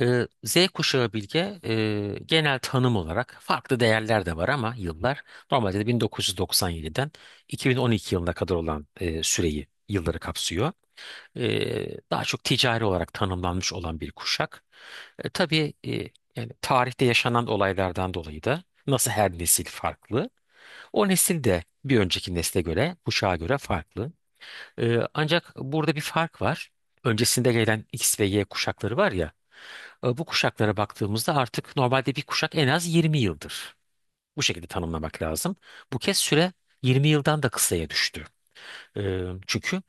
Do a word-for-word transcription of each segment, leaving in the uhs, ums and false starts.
Ee, Z kuşağı Bilge, e, genel tanım olarak farklı değerler de var ama yıllar normalde de bin dokuz yüz doksan yediden iki bin on iki yılına kadar olan e, süreyi, yılları kapsıyor. Ee, daha çok ticari olarak tanımlanmış olan bir kuşak. E, tabii, e, yani tarihte yaşanan olaylardan dolayı da nasıl her nesil farklı. O nesil de bir önceki nesle göre, kuşağa göre farklı. Ee, ancak burada bir fark var. Öncesinde gelen X ve Y kuşakları var ya, e, bu kuşaklara baktığımızda artık normalde bir kuşak en az yirmi yıldır. Bu şekilde tanımlamak lazım. Bu kez süre yirmi yıldan da kısaya düştü. E, Çünkü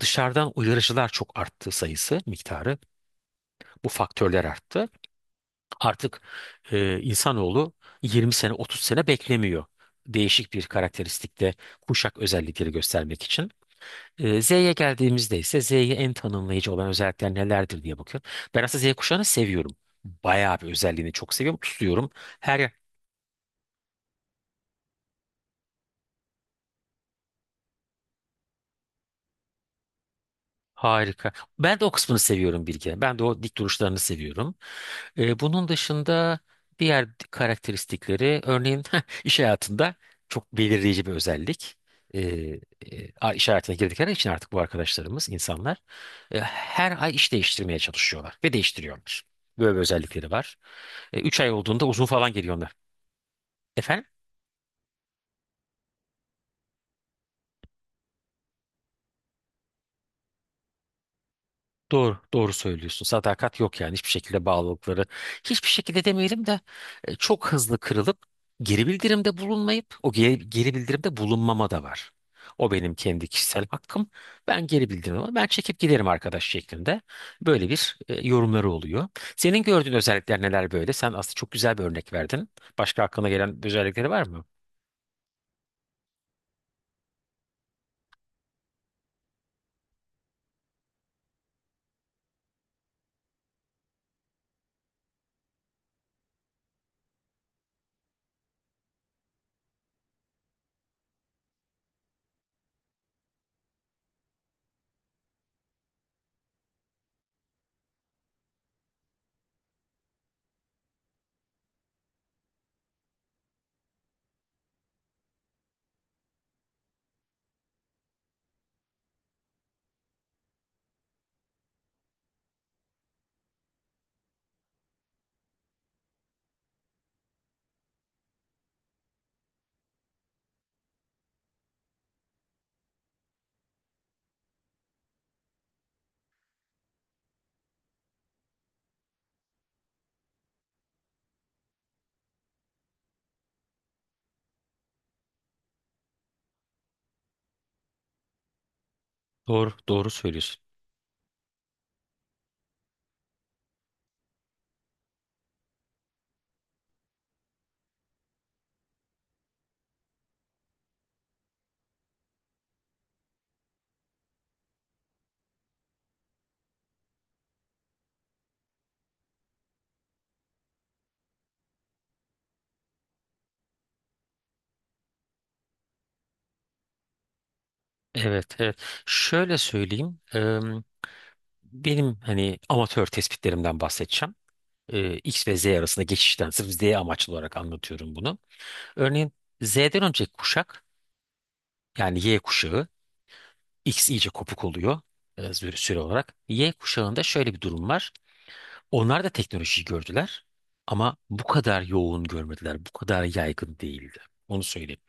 dışarıdan uyarıcılar çok arttı, sayısı, miktarı. Bu faktörler arttı. Artık e, insanoğlu yirmi sene, otuz sene beklemiyor. Değişik bir karakteristikte kuşak özellikleri göstermek için. Ee, Z'ye geldiğimizde ise Z'ye en tanımlayıcı olan özellikler nelerdir diye bakıyorum. Ben aslında Z kuşağını seviyorum. Bayağı bir özelliğini çok seviyorum. Tutuyorum. Her harika. Ben de o kısmını seviyorum, Bilge. Ben de o dik duruşlarını seviyorum. Ee, bunun dışında diğer karakteristikleri, örneğin iş hayatında çok belirleyici bir özellik. Ee, e, a- iş hayatına girdikleri için artık bu arkadaşlarımız, insanlar e, her ay iş değiştirmeye çalışıyorlar ve değiştiriyorlar. Böyle bir özellikleri var. Üç ay olduğunda uzun falan geliyor onlar. Efendim? Doğru, doğru söylüyorsun. Sadakat yok, yani hiçbir şekilde bağlılıkları. Hiçbir şekilde demeyelim de, e, çok hızlı kırılıp geri bildirimde bulunmayıp, o geri, geri bildirimde bulunmama da var. O benim kendi kişisel hakkım. Ben geri bildirim, ben çekip giderim arkadaş şeklinde. Böyle bir e, yorumları oluyor. Senin gördüğün özellikler neler böyle? Sen aslında çok güzel bir örnek verdin. Başka aklına gelen özellikleri var mı? Doğru, doğru söylüyorsun. Evet, evet. Şöyle söyleyeyim. Benim hani amatör tespitlerimden bahsedeceğim. Ee, X ve Z arasında geçişten sırf Z amaçlı olarak anlatıyorum bunu. Örneğin Z'den önceki kuşak, yani Y kuşağı, X iyice kopuk oluyor e, zü- süre olarak. Y kuşağında şöyle bir durum var. Onlar da teknolojiyi gördüler ama bu kadar yoğun görmediler. Bu kadar yaygın değildi. Onu söyleyeyim.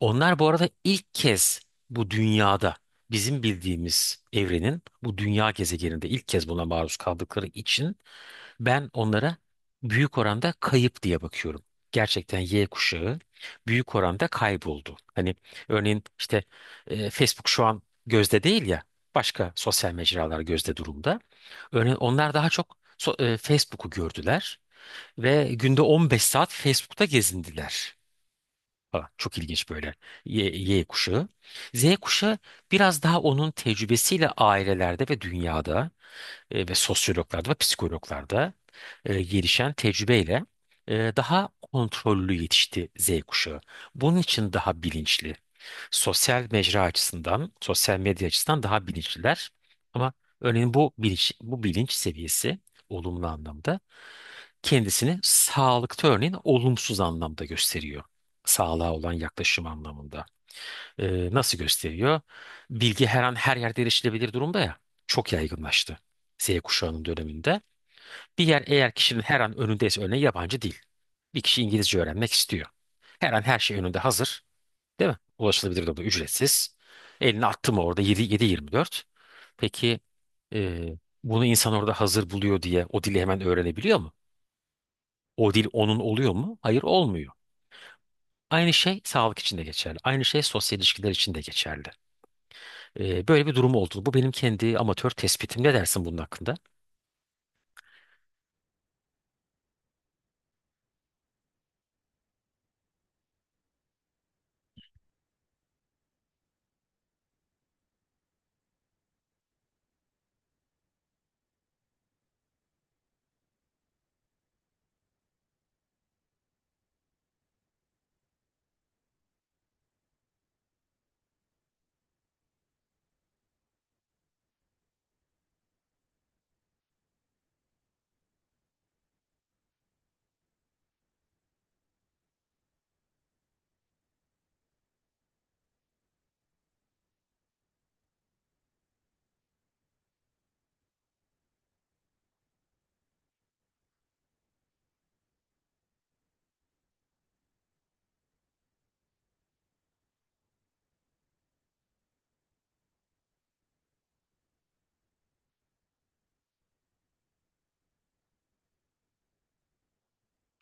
Onlar bu arada ilk kez bu dünyada, bizim bildiğimiz evrenin bu dünya gezegeninde ilk kez buna maruz kaldıkları için ben onlara büyük oranda kayıp diye bakıyorum. Gerçekten Y kuşağı büyük oranda kayboldu. Hani örneğin işte, e, Facebook şu an gözde değil ya, başka sosyal mecralar gözde durumda. Örneğin onlar daha çok so- e, Facebook'u gördüler ve günde on beş saat Facebook'ta gezindiler. Falan. Çok ilginç böyle Y, Y kuşağı. Z kuşağı biraz daha onun tecrübesiyle ailelerde ve dünyada e, ve sosyologlarda ve psikologlarda e, gelişen tecrübeyle e, daha kontrollü yetişti Z kuşağı. Bunun için daha bilinçli. Sosyal mecra açısından, sosyal medya açısından daha bilinçliler. Ama örneğin bu bilinç, bu bilinç seviyesi, olumlu anlamda kendisini sağlıkta örneğin olumsuz anlamda gösteriyor. Sağlığa olan yaklaşım anlamında. E, nasıl gösteriyor? Bilgi her an her yerde erişilebilir durumda ya. Çok yaygınlaştı. Z kuşağının döneminde. Bir yer eğer kişinin her an önündeyse, örneğin yabancı değil. Bir kişi İngilizce öğrenmek istiyor. Her an her şey önünde hazır. Değil mi? Ulaşılabilir durumda, ücretsiz. Elini attı mı orada yedi, yedi yirmi dört. Peki, e, bunu insan orada hazır buluyor diye o dili hemen öğrenebiliyor mu? O dil onun oluyor mu? Hayır, olmuyor. Aynı şey sağlık için de geçerli. Aynı şey sosyal ilişkiler için de geçerli. E, böyle bir durum oldu. Bu benim kendi amatör tespitim. Ne dersin bunun hakkında?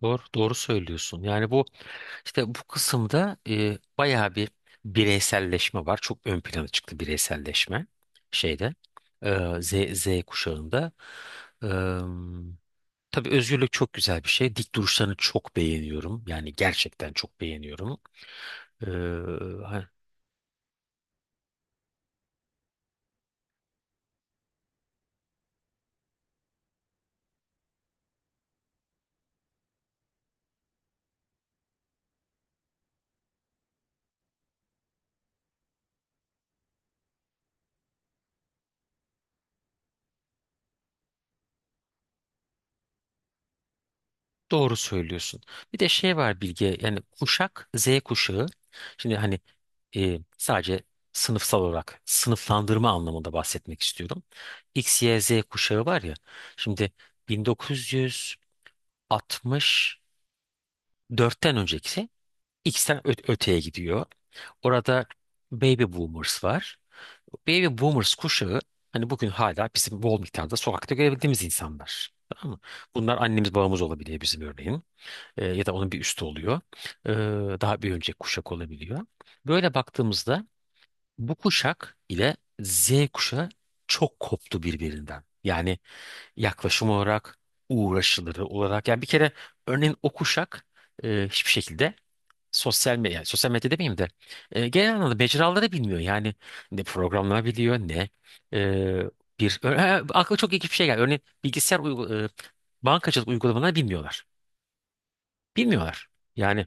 Doğru, doğru söylüyorsun. Yani bu İşte bu kısımda e, bayağı bir bireyselleşme var. Çok ön plana çıktı bireyselleşme şeyde. e, Z, Z kuşağında. E, tabii, özgürlük çok güzel bir şey. Dik duruşlarını çok beğeniyorum. Yani gerçekten çok beğeniyorum. E, Doğru söylüyorsun. Bir de şey var Bilge, yani kuşak Z kuşağı. Şimdi hani e, sadece sınıfsal olarak sınıflandırma anlamında bahsetmek istiyorum. X, Y, Z kuşağı var ya. Şimdi bin dokuz yüz altmış dörtten önceki X'ten ö- öteye gidiyor. Orada Baby Boomers var. Baby Boomers kuşağı hani bugün hala bizim bol miktarda sokakta görebildiğimiz insanlar. Tamam mı? Bunlar annemiz babamız olabiliyor, bizim örneğin, e, ya da onun bir üstü oluyor. E, Daha bir önceki kuşak olabiliyor. Böyle baktığımızda bu kuşak ile Z kuşağı çok koptu birbirinden. Yani yaklaşım olarak, uğraşıları olarak. Yani bir kere örneğin o kuşak e, hiçbir şekilde sosyal medya, yani sosyal medya demeyeyim de, e, genel anlamda mecraları bilmiyor. Yani ne programlar biliyor ne e, bir ö- ha, aklıma çok ilginç bir şey geldi. Örneğin bilgisayar uygu- e, bankacılık uygulamaları bilmiyorlar. Bilmiyorlar. Yani,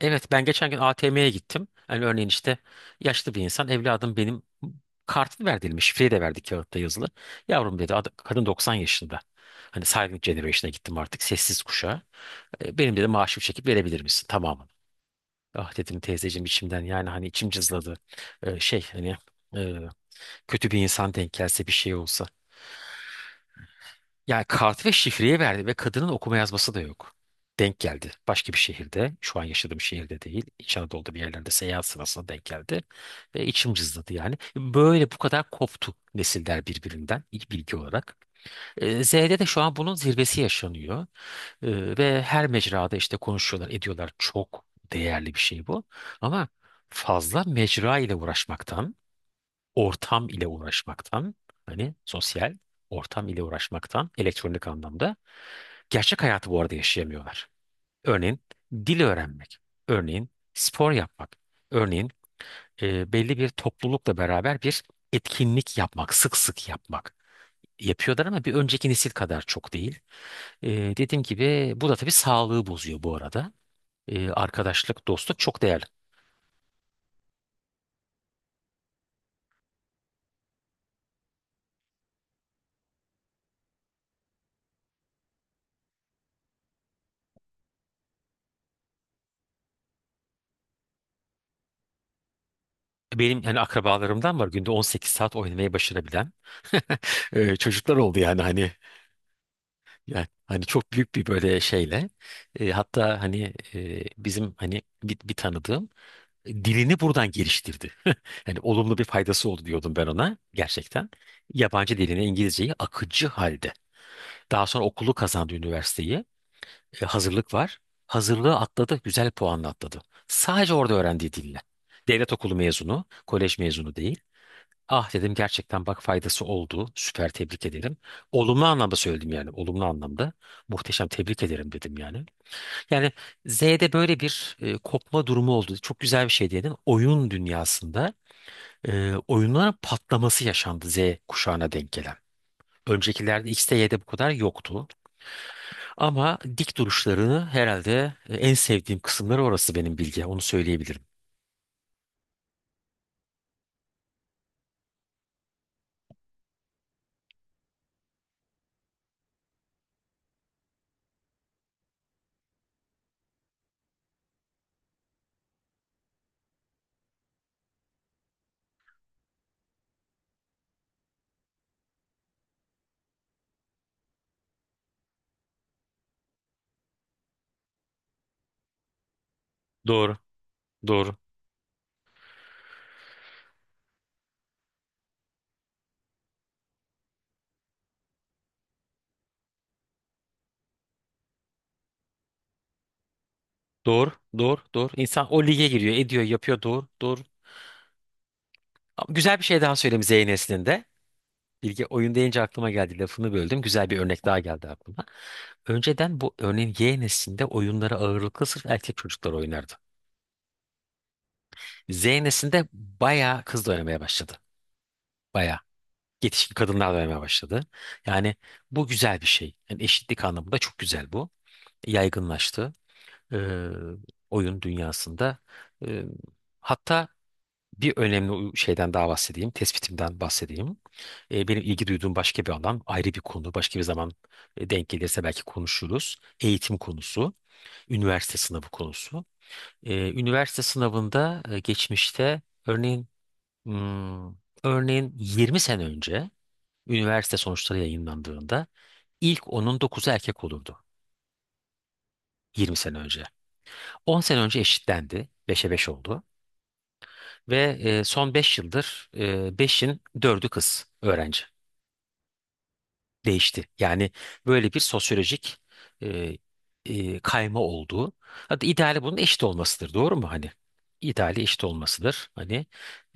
evet, ben geçen gün A T M'ye gittim. Hani örneğin işte, yaşlı bir insan, evladım benim kartını ver dedim. Şifreyi de verdi kağıtta yazılı. Yavrum dedi, ad- kadın doksan yaşında. Hani Silent Generation'a gittim artık, sessiz kuşağa. E, Benim, dedi, maaşımı çekip verebilir misin tamamını. Ah dedim teyzeciğim içimden, yani hani içim cızladı. E, şey hani, e, kötü bir insan denk gelse, bir şey olsa. Yani kart ve şifreyi verdi ve kadının okuma yazması da yok. Denk geldi. Başka bir şehirde. Şu an yaşadığım şehirde değil. İç Anadolu'da bir yerlerde seyahat sırasında denk geldi. Ve içim cızladı yani. Böyle bu kadar koptu nesiller birbirinden, ilk bilgi olarak. Ee, Z'de de şu an bunun zirvesi yaşanıyor. Ee, ve her mecrada işte konuşuyorlar, ediyorlar. Çok değerli bir şey bu. Ama fazla mecra ile uğraşmaktan, ortam ile uğraşmaktan, hani sosyal ortam ile uğraşmaktan, elektronik anlamda gerçek hayatı bu arada yaşayamıyorlar. Örneğin dil öğrenmek, örneğin spor yapmak, örneğin e, belli bir toplulukla beraber bir etkinlik yapmak, sık sık yapmak, yapıyorlar ama bir önceki nesil kadar çok değil. E, Dediğim gibi bu da tabii sağlığı bozuyor bu arada. E, arkadaşlık, dostluk çok değerli. Benim hani akrabalarımdan var günde on sekiz saat oynamayı başarabilen e, çocuklar oldu yani, hani. Yani hani çok büyük bir böyle şeyle, e, hatta hani e, bizim hani bir, bir tanıdığım dilini buradan geliştirdi. Hani olumlu bir faydası oldu diyordum ben ona gerçekten. Yabancı dilini, İngilizceyi akıcı halde. Daha sonra okulu kazandı, üniversiteyi. E, hazırlık var. Hazırlığı atladı, güzel puanla atladı. Sadece orada öğrendiği dille. Devlet okulu mezunu, kolej mezunu değil. Ah dedim gerçekten, bak faydası oldu. Süper, tebrik ederim. Olumlu anlamda söyledim yani. Olumlu anlamda. Muhteşem, tebrik ederim dedim yani. Yani Z'de böyle bir e, kopma durumu oldu. Çok güzel bir şey dedin. Oyun dünyasında e, oyunların patlaması yaşandı, Z kuşağına denk gelen. Öncekilerde, X'te, Y'de bu kadar yoktu. Ama dik duruşlarını herhalde e, en sevdiğim kısımları orası benim, bilgi. Onu söyleyebilirim. Doğru. Doğru. Doğru. Doğru. Doğru. İnsan o lige giriyor, ediyor, yapıyor. Doğru. Doğru. Ama güzel bir şey daha söyleyeyim Z neslinde. Bilge, oyun deyince aklıma geldi. Lafını böldüm. Güzel bir örnek daha geldi aklıma. Önceden bu, örneğin Y neslinde, oyunları ağırlıklı sırf erkek çocuklar oynardı. Z neslinde bayağı kız da oynamaya başladı. Bayağı. Yetişkin kadınlar da oynamaya başladı. Yani bu güzel bir şey. Yani eşitlik anlamında çok güzel bu. Yaygınlaştı. Ee, Oyun dünyasında. Ee, Hatta bir önemli şeyden daha bahsedeyim, tespitimden bahsedeyim. E, benim ilgi duyduğum başka bir alan, ayrı bir konu, başka bir zaman e, denk gelirse belki konuşuruz. Eğitim konusu, üniversite sınavı konusu. E, üniversite sınavında e, geçmişte, örneğin hmm, örneğin yirmi sene önce üniversite sonuçları yayınlandığında ilk onun dokuzu erkek olurdu, yirmi sene önce. on sene önce eşitlendi, beşe beş oldu ve e, son beş yıldır e, beşin dördü kız öğrenci. Değişti. Yani böyle bir sosyolojik e, e, kayma olduğu. Hatta ideali bunun eşit olmasıdır, doğru mu, hani? İdeali eşit olmasıdır. Hani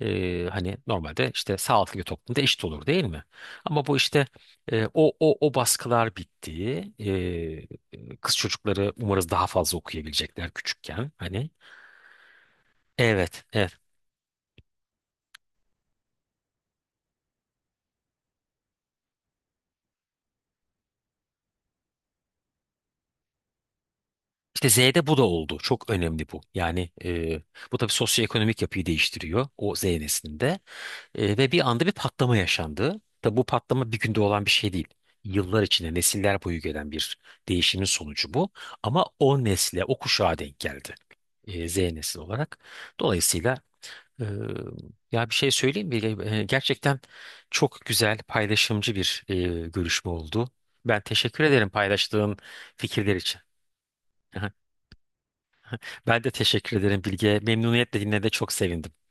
e, hani normalde işte sağlıklı bir toplumda eşit olur, değil mi? Ama bu işte e, o o o baskılar bitti. E, kız çocukları umarız daha fazla okuyabilecekler küçükken. Hani evet, evet. İşte Z'de bu da oldu. Çok önemli bu. Yani e, bu tabii sosyoekonomik yapıyı değiştiriyor o Z neslinde. E, ve bir anda bir patlama yaşandı. Tabi bu patlama bir günde olan bir şey değil. Yıllar içinde nesiller boyu gelen bir değişimin sonucu bu. Ama o nesle, o kuşağa denk geldi. E, Z nesil olarak. Dolayısıyla e, ya bir şey söyleyeyim mi? E, gerçekten çok güzel, paylaşımcı bir e, görüşme oldu. Ben teşekkür ederim paylaştığın fikirler için. Ben de teşekkür ederim Bilge. Memnuniyetle dinlediğine de çok sevindim.